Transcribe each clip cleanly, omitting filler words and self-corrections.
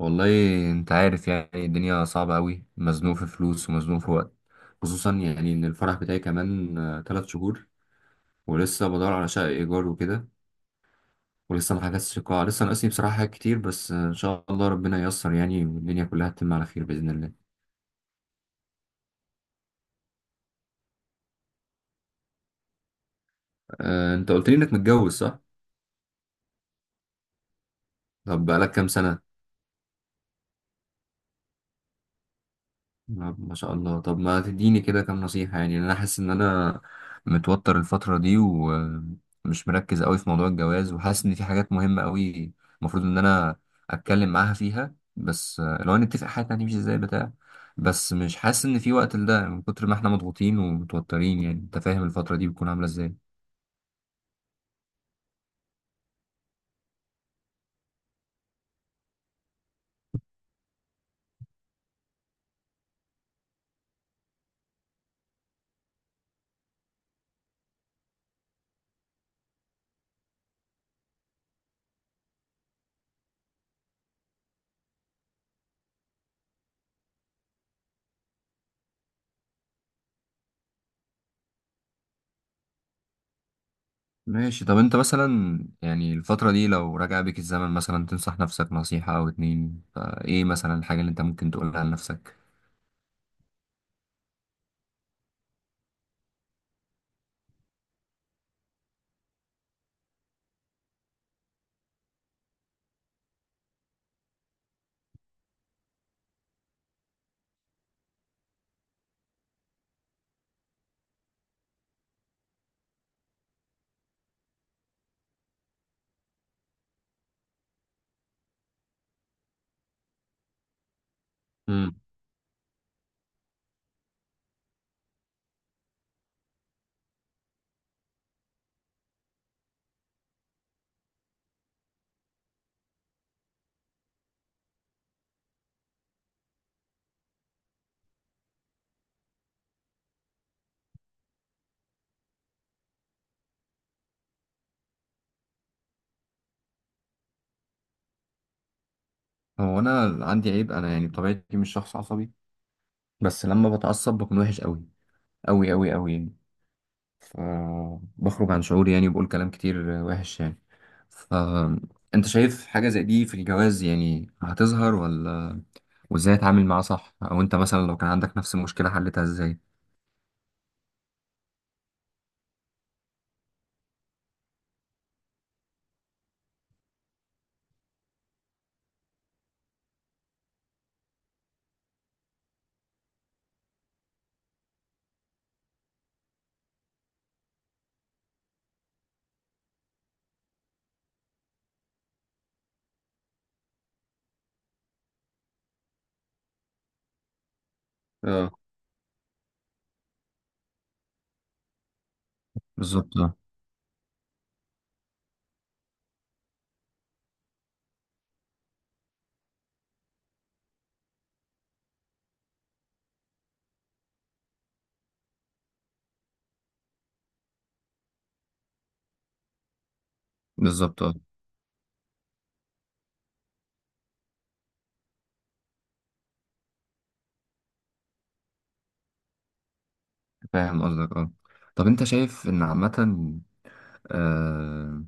والله، انت عارف يعني الدنيا صعبة قوي، مزنوق في فلوس ومزنوق في وقت، خصوصا يعني ان الفرح بتاعي كمان 3 شهور. ولسه بدور على شقة ايجار وكده، ولسه ما حجزتش القاعة، لسه ناقصني بصراحة حاجات كتير، بس ان شاء الله ربنا ييسر يعني، والدنيا كلها تتم على خير بإذن الله. انت قلت لي انك متجوز صح؟ طب بقالك كام سنة؟ نعم، ما شاء الله. طب ما تديني كده كام نصيحة، يعني انا حاسس ان انا متوتر الفترة دي ومش مركز قوي في موضوع الجواز، وحاسس ان في حاجات مهمة قوي المفروض ان انا اتكلم معاها فيها، بس لو نتفق حاجة هتمشي ازاي بتاع. بس مش حاسس ان في وقت لده من كتر ما احنا مضغوطين ومتوترين، يعني انت فاهم الفترة دي بتكون عاملة ازاي. ماشي. طب انت مثلا يعني الفترة دي لو رجع بيك الزمن مثلا تنصح نفسك نصيحة او اتنين، فايه مثلا الحاجة اللي انت ممكن تقولها لنفسك؟ هو انا عندي عيب، انا يعني بطبيعتي مش شخص عصبي، بس لما بتعصب بكون وحش قوي قوي قوي قوي يعني، فبخرج عن شعوري يعني وبقول كلام كتير وحش يعني. فانت شايف حاجة زي دي في الجواز يعني هتظهر ولا؟ وازاي اتعامل معاها صح؟ او انت مثلا لو كان عندك نفس المشكلة حلتها ازاي؟ اه. بالظبط اه. بالظبط اه. فاهم قصدك اه. طب انت شايف ان عامة آه،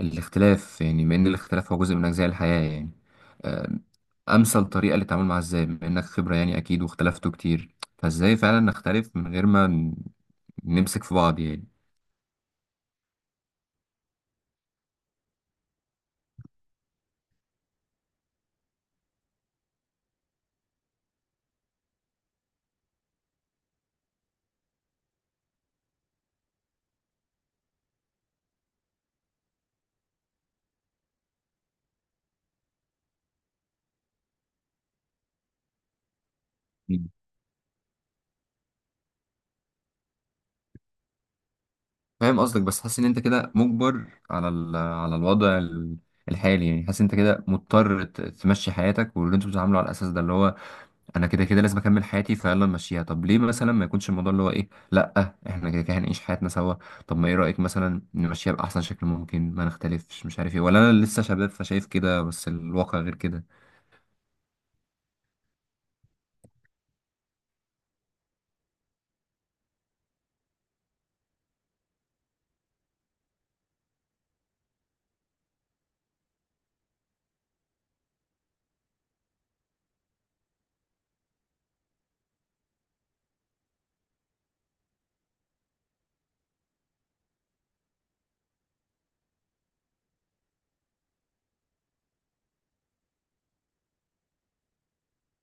الاختلاف، يعني بما ان الاختلاف هو جزء من اجزاء الحياة يعني آه، امثل طريقة للتعامل مع الذات، بما انك خبرة يعني اكيد، واختلفتوا كتير، فازاي فعلا نختلف من غير ما نمسك في بعض يعني؟ مم. فاهم قصدك، بس حاسس ان انت كده مجبر على على الوضع الحالي يعني، حاسس انت كده مضطر تمشي حياتك، واللي انتوا بتتعاملوا على الاساس ده اللي هو انا كده كده لازم اكمل حياتي فيلا نمشيها. طب ليه مثلا ما يكونش الموضوع اللي هو ايه، لا احنا كده كده هنعيش حياتنا سوا، طب ما ايه رايك مثلا نمشيها باحسن شكل ممكن، ما نختلفش مش عارف ايه؟ ولا انا لسه شباب فشايف كده بس الواقع غير كده؟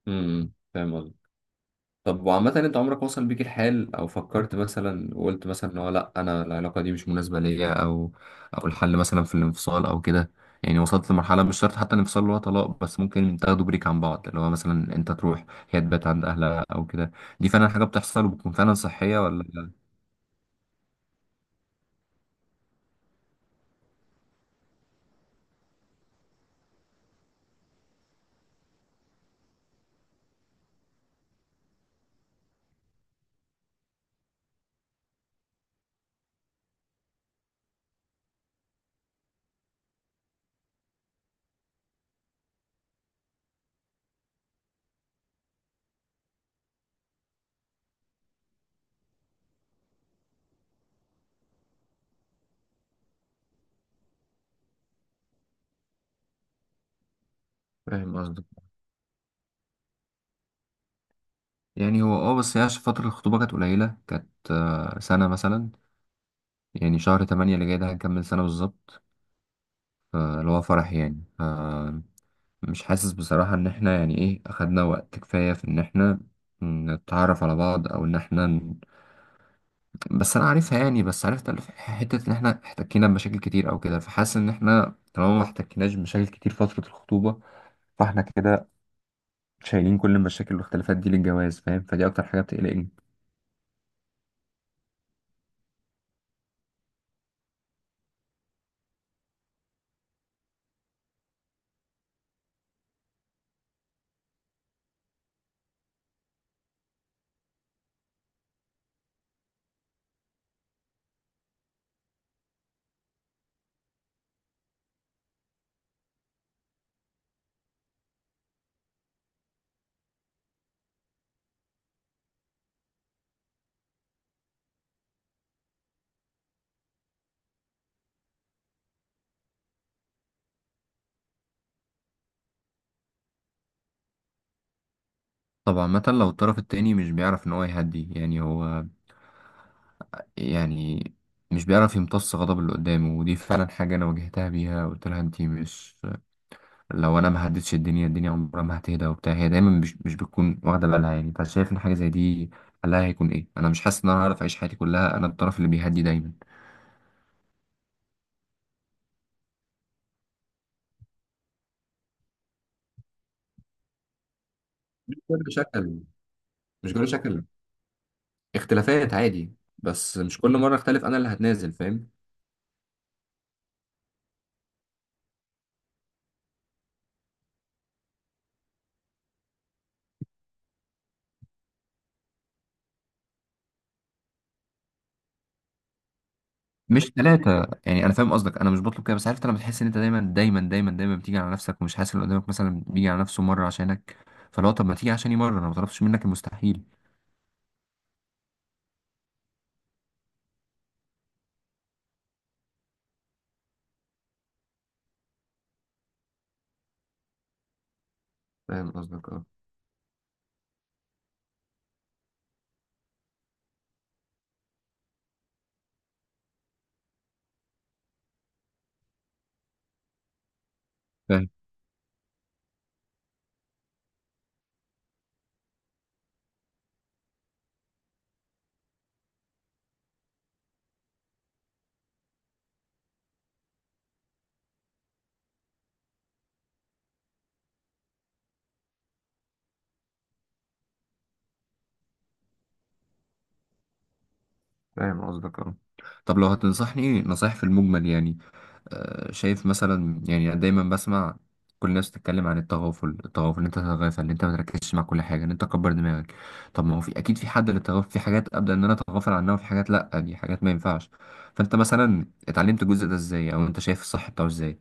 فاهم. طب وعامة انت عمرك وصل بيك الحال او فكرت مثلا وقلت مثلا ان هو لا انا العلاقة دي مش مناسبة ليا، او الحل مثلا في الانفصال او كده؟ يعني وصلت لمرحلة، مش شرط حتى الانفصال اللي هو طلاق، بس ممكن تاخدوا بريك عن بعض، اللي هو مثلا انت تروح هي تبات عند اهلها او كده، دي فعلا حاجة بتحصل وبتكون فعلا صحية ولا لا؟ فاهم قصدك. يعني هو اه، بس هي عشان فترة الخطوبة كانت قليلة، كانت سنة مثلا، يعني شهر 8 اللي جاي ده هنكمل سنة بالظبط، اللي هو فرح يعني. مش حاسس بصراحة إن إحنا يعني إيه أخدنا وقت كفاية في إن إحنا نتعرف على بعض، أو إن إحنا بس أنا عارفها يعني، بس عرفت حتة إن إحنا احتكينا بمشاكل كتير أو كده، فحاسس إن إحنا طالما ما احتكيناش بمشاكل كتير فترة الخطوبة، فإحنا كده شايلين كل المشاكل والاختلافات دي للجواز، فاهم؟ فدي أكتر حاجة بتقلقني. طبعا مثلا لو الطرف التاني مش بيعرف إن هو يهدي يعني هو يعني مش بيعرف يمتص غضب اللي قدامه، ودي فعلا حاجة أنا واجهتها بيها، قلت لها أنتي مش، لو انا ما هديتش الدنيا، الدنيا عمرها ما هتهدى وبتاع، هي دايما مش بتكون واخده بالها يعني، فشايف ان حاجه زي دي حلها هيكون ايه؟ انا مش حاسس ان انا هعرف اعيش حياتي كلها انا الطرف اللي بيهدي دايما. مش كل شكل. مش كل شكل. اختلافات عادي، بس مش كل مرة اختلف انا اللي هتنازل، فاهم؟ مش ثلاثة يعني، أنا فاهم قصدك، أنا مش بطلب كده، بس عارف أنت لما تحس إن أنت دايما دايما دايما دايما بتيجي على نفسك ومش حاسس إن اللي قدامك مثلا بيجي على نفسه مرة عشانك، فلو طب ما تيجي عشاني مرة، أنا ما طلبتش منك المستحيل. فاهم قصدك اه. فاهم قصدك اه. طب لو هتنصحني نصايح في المجمل يعني شايف مثلا يعني دايما بسمع كل الناس تتكلم عن التغافل، التغافل ان انت تتغافل، ان انت ما تركزش مع كل حاجه، ان انت تكبر دماغك، طب ما هو في اكيد في حد للتغافل، في حاجات ابدا ان انا اتغافل عنها، وفي حاجات لا دي حاجات ما ينفعش، فانت مثلا اتعلمت الجزء ده ازاي، او انت شايف الصح بتاعه ازاي؟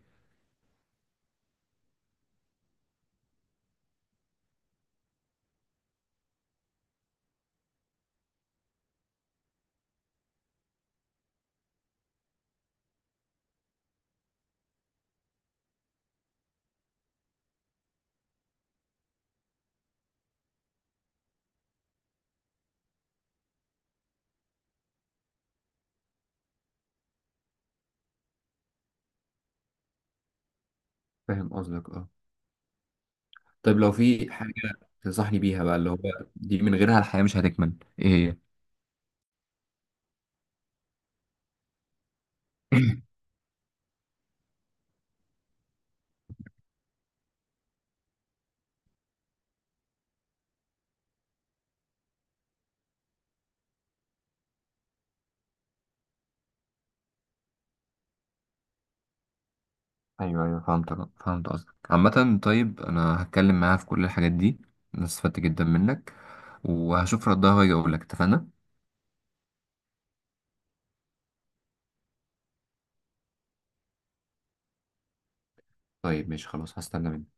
فاهم قصدك اه. طيب لو في حاجه تنصحني بيها بقى اللي هو دي من غيرها الحياه مش هتكمل، ايه هي؟ ايوه ايوه فهمت. فهمت قصدك عامة. طيب انا هتكلم معاها في كل الحاجات دي، انا استفدت جدا منك، وهشوف ردها واجي اقول لك، اتفقنا. طيب ماشي خلاص، هستنى منك.